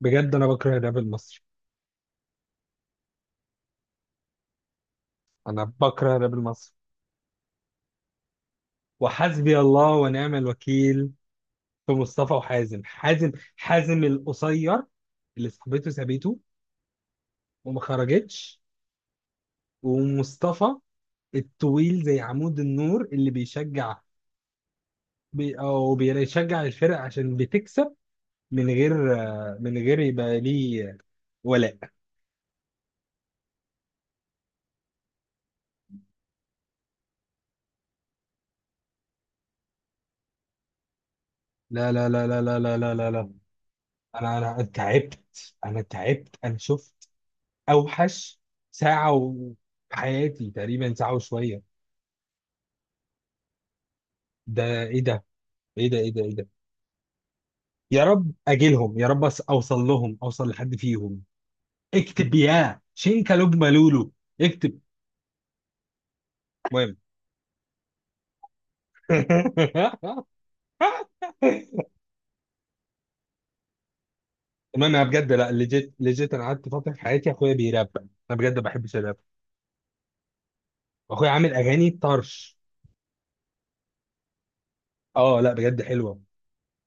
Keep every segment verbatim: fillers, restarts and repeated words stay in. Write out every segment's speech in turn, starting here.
بجد انا بكره الراب المصري. انا بكره الراب المصري وحسبي الله ونعم الوكيل. في مصطفى وحازم حازم حازم القصير اللي صاحبته سابته وما خرجتش، ومصطفى الطويل زي عمود النور اللي بيشجع بي او بيشجع الفرق عشان بتكسب من غير من غير يبقى ليه ولاء. لا لا لا لا لا لا لا لا لا. انا انا تعبت، انا تعبت انا شفت اوحش ساعه و- في حياتي، تقريبا ساعه وشويه. ده ايه ده ايه ده ايه ده ايه ده؟ يا رب اجيلهم، يا رب أص- اوصل لهم، اوصل لحد فيهم. اكتب يا شينكا لوج لولو، اكتب. المهم. المهم انا بجد لا، ليجيت ليجيت انا قعدت فتره في حياتي اخويا بيراب. انا بجد ما بحبش الراب. اخويا عامل اغاني طرش. اه لا بجد حلوه.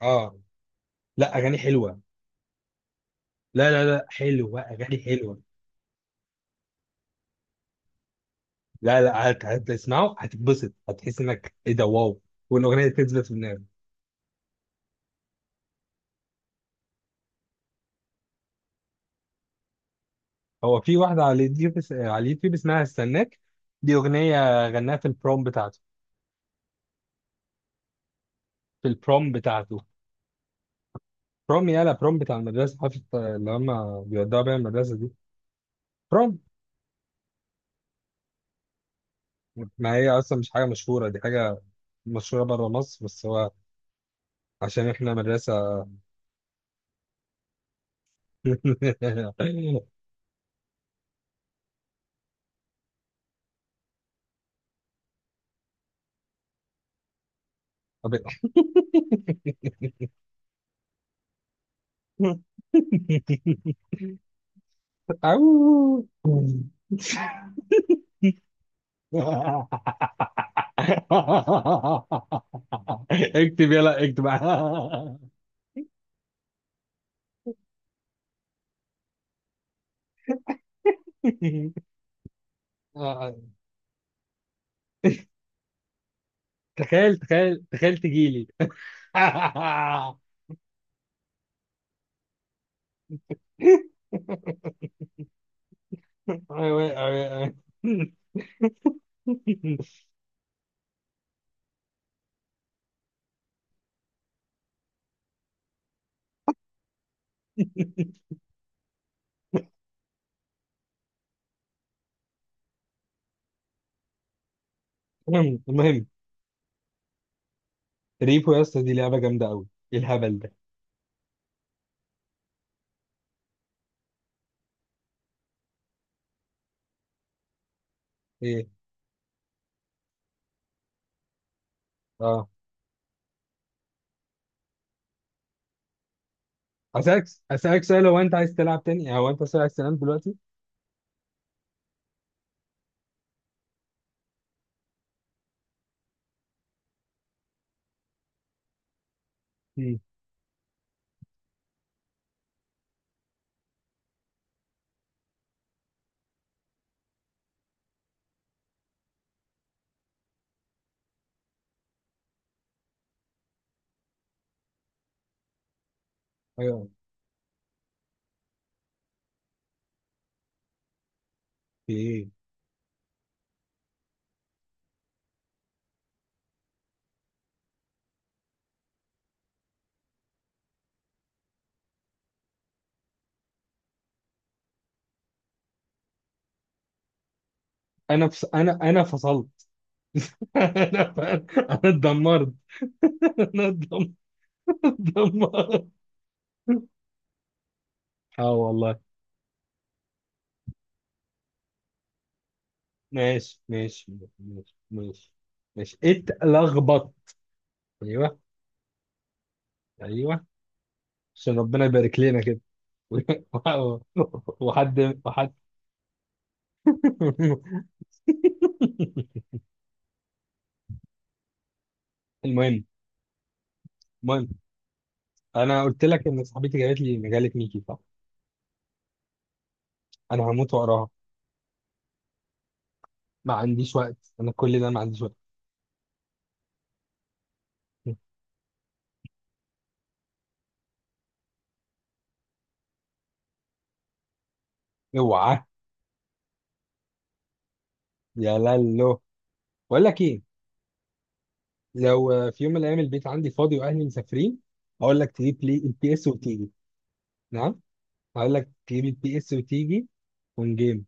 اه لا، اغاني حلوه. لا لا لا، حلوه، اغاني حلوه. لا لا هت- هتسمعه هتتبسط، هتحس انك ايه ده واو. والاغنيه دي تثبت في دماغك. هو في واحده على اليوتيوب اس- على اليوتيوب اسمها استناك. دي اغنيه غناها في البروم بتاعته. في البروم بتاعته. بروم، يالا، بروم بتاع المدرسه، حفله اللي هم بيودعوا بيها المدرسه دي. بروم. ما هي اصلا مش حاجه مشهوره، دي حاجه مشهوره بره مصر، بس هو عشان احنا مدرسه. طب- أوه. اكتب يلا اكتب. تخيل تخيل تخيل تجيلي ايوه، ايوه، ايوه. المهم المهم ريبو يا اسطى، دي لعبه جامده قوي. ايه الهبل ده؟ ايه؟ اه. اسالك اسالك سؤال، هو انت عايز تلعب تاني؟ هو انت عايز تنام دلوقتي؟ مم. ايوه. ايه؟ انا فص... انا انا فصلت. انا انا اتدمرت. انا اتدمرت. دمار. اه والله. ماشي ماشي، ماشي ماشي، ماشي اتلخبط. ايوه. ايوه. عشان ربنا يبارك لنا كده. وحد، وحد. المهم المهم، انا قلت لك ان صاحبتي جابت لي مجله ميكي، صح؟ انا هموت واقراها. ما عنديش وقت، انا كل ده ما عنديش وقت. اوعى. يا لالو، بقول لك ايه، لو في يوم من الايام البيت عندي فاضي واهلي مسافرين اقول لك تجيب لي البي اس وتيجي. نعم. هقول لك تجيب البي اس وتيجي اون جيم.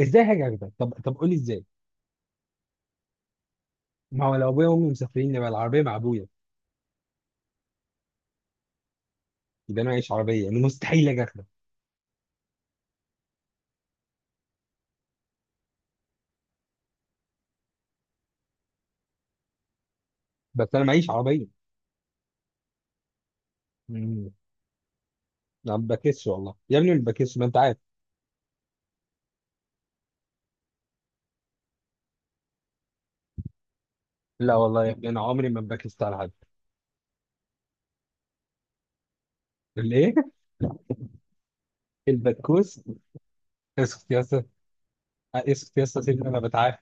ازاي حاجه كده؟ طب، طب قول لي ازاي. ما هو لو ابويا وامي مسافرين يبقى العربيه مع ابويا، يبقى انا معيش عربيه، يعني مستحيل اجي اخده. بس انا معيش عربيه. مم. انا ما بكسش والله يا ابني، ما بكسش، ما انت عارف. لا والله يا، يعني انا عمري ما بكست على حد. الايه؟ البكوس. اسكت يا اسطى، اسكت يا اسطى، سيبني انا بتعافى.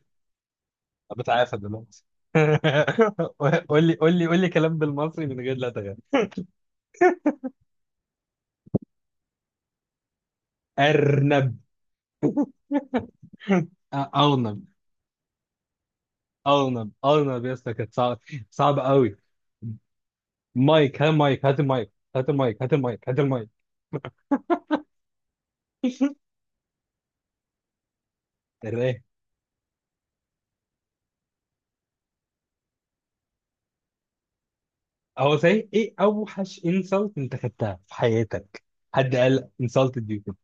بتعافى دلوقتي. قول لي، قول لي، قول لي كلام بالمصري من غير لا تغير. ارنب. أ- ارنب. ارنب، ارنب يا اسطى، كانت صعبه. صعبه قوي. مايك، هات مايك، هات المايك، هات المايك، هات المايك، هات المايك. ايه؟ هو صحيح ايه اوحش انسلت انت خدتها في حياتك؟ حد قال انسلتد يو كده؟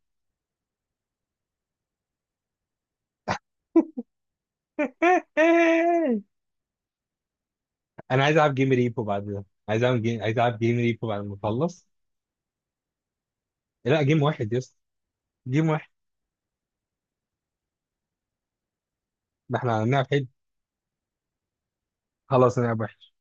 انا عايز العب جيم ريبو بعد ده، عايز العب جيم، عايز العب جيم ريبو بعد ما اخلص. لا جيم واحد يا اسطى، جيم واحد. ما احنا هنلعب حلو. خلاص هنلعب وحش.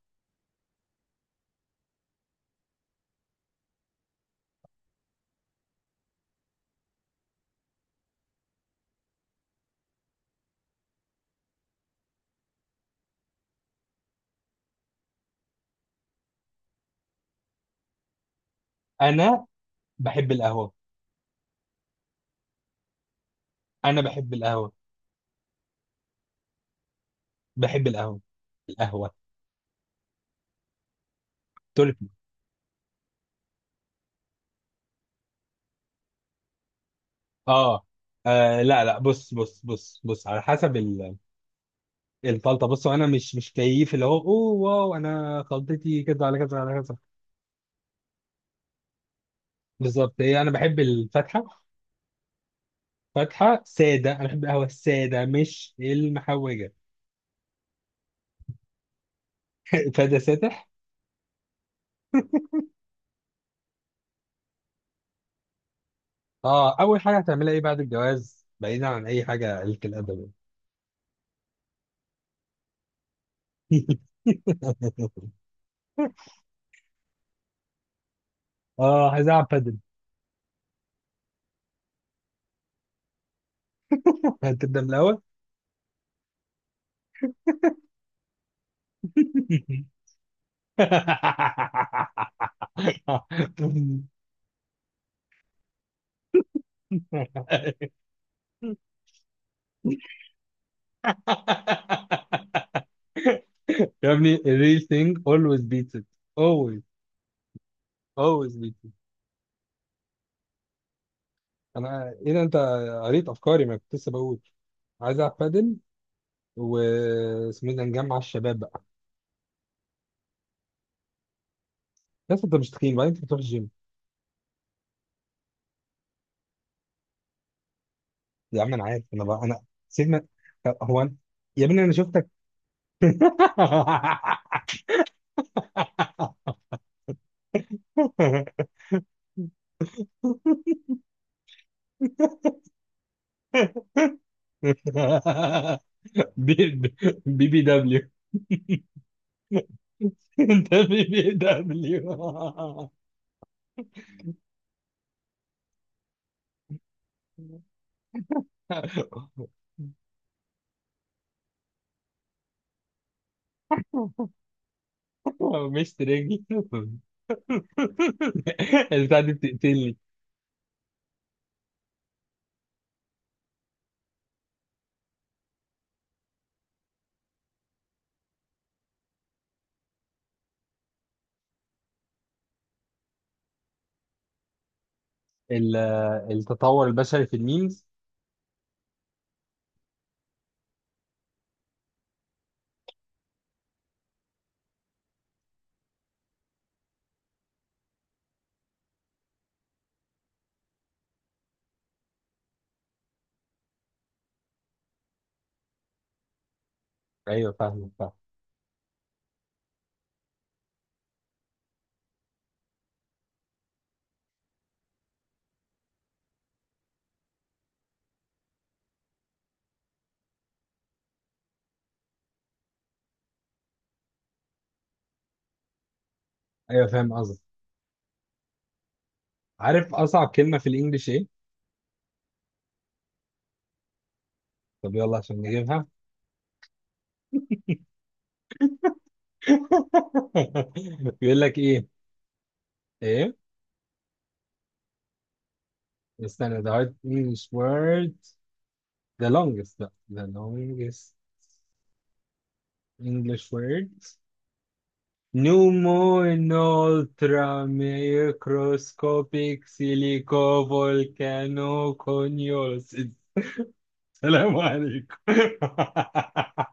انا بحب القهوه انا بحب القهوه. بحب القهوه. القهوه تركي. اه. آه، لا لا، بص بص بص بص، على حسب الخلطه. بصوا انا مش مش كيف اللي هو اوه واو، انا خلطتي كذا على كذا على كذا. بالظبط، هي انا بحب الفاتحه. فاتحه ساده، انا بحب القهوه الساده مش المحوجه. فده ساتح. اه، اول حاجه هتعملها ايه بعد الجواز، بعيدا عن اي حاجه قله الادب؟ يعني. اه عايز العب بادل. هتبدا من الاول. يا ابني الريل ثينج اولويز بيتس ات. اولويز اولويز بيتس ات. انا ايه ده، انت قريت افكاري؟ ما كنت لسه بقول عايز العب بادل، و اسمه ايه ده، نجمع الشباب بقى. بس انت مش تخين بعدين، انت بتروح الجيم. يا عم انا عارف انا بقى انا، سيبنا. هو أنا-، يا ابني انا شفتك. بي بي بي دبليو. انت بي بي دبليو. هو مش ترينجي. البتاع دي بتقتلني. ال- التطور البشري في الميمز. ايوه فاهم، فاهم. ايوه فاهم قصدك. عارف اصعب كلمه في الانجليش ايه؟ طب يلا عشان نجيبها. بيقول لك ايه؟ ايه؟ استنى، the hard English word، the longest لا، the longest English word. نومو ultra microscopic silico volcano conios. السلام عليكم.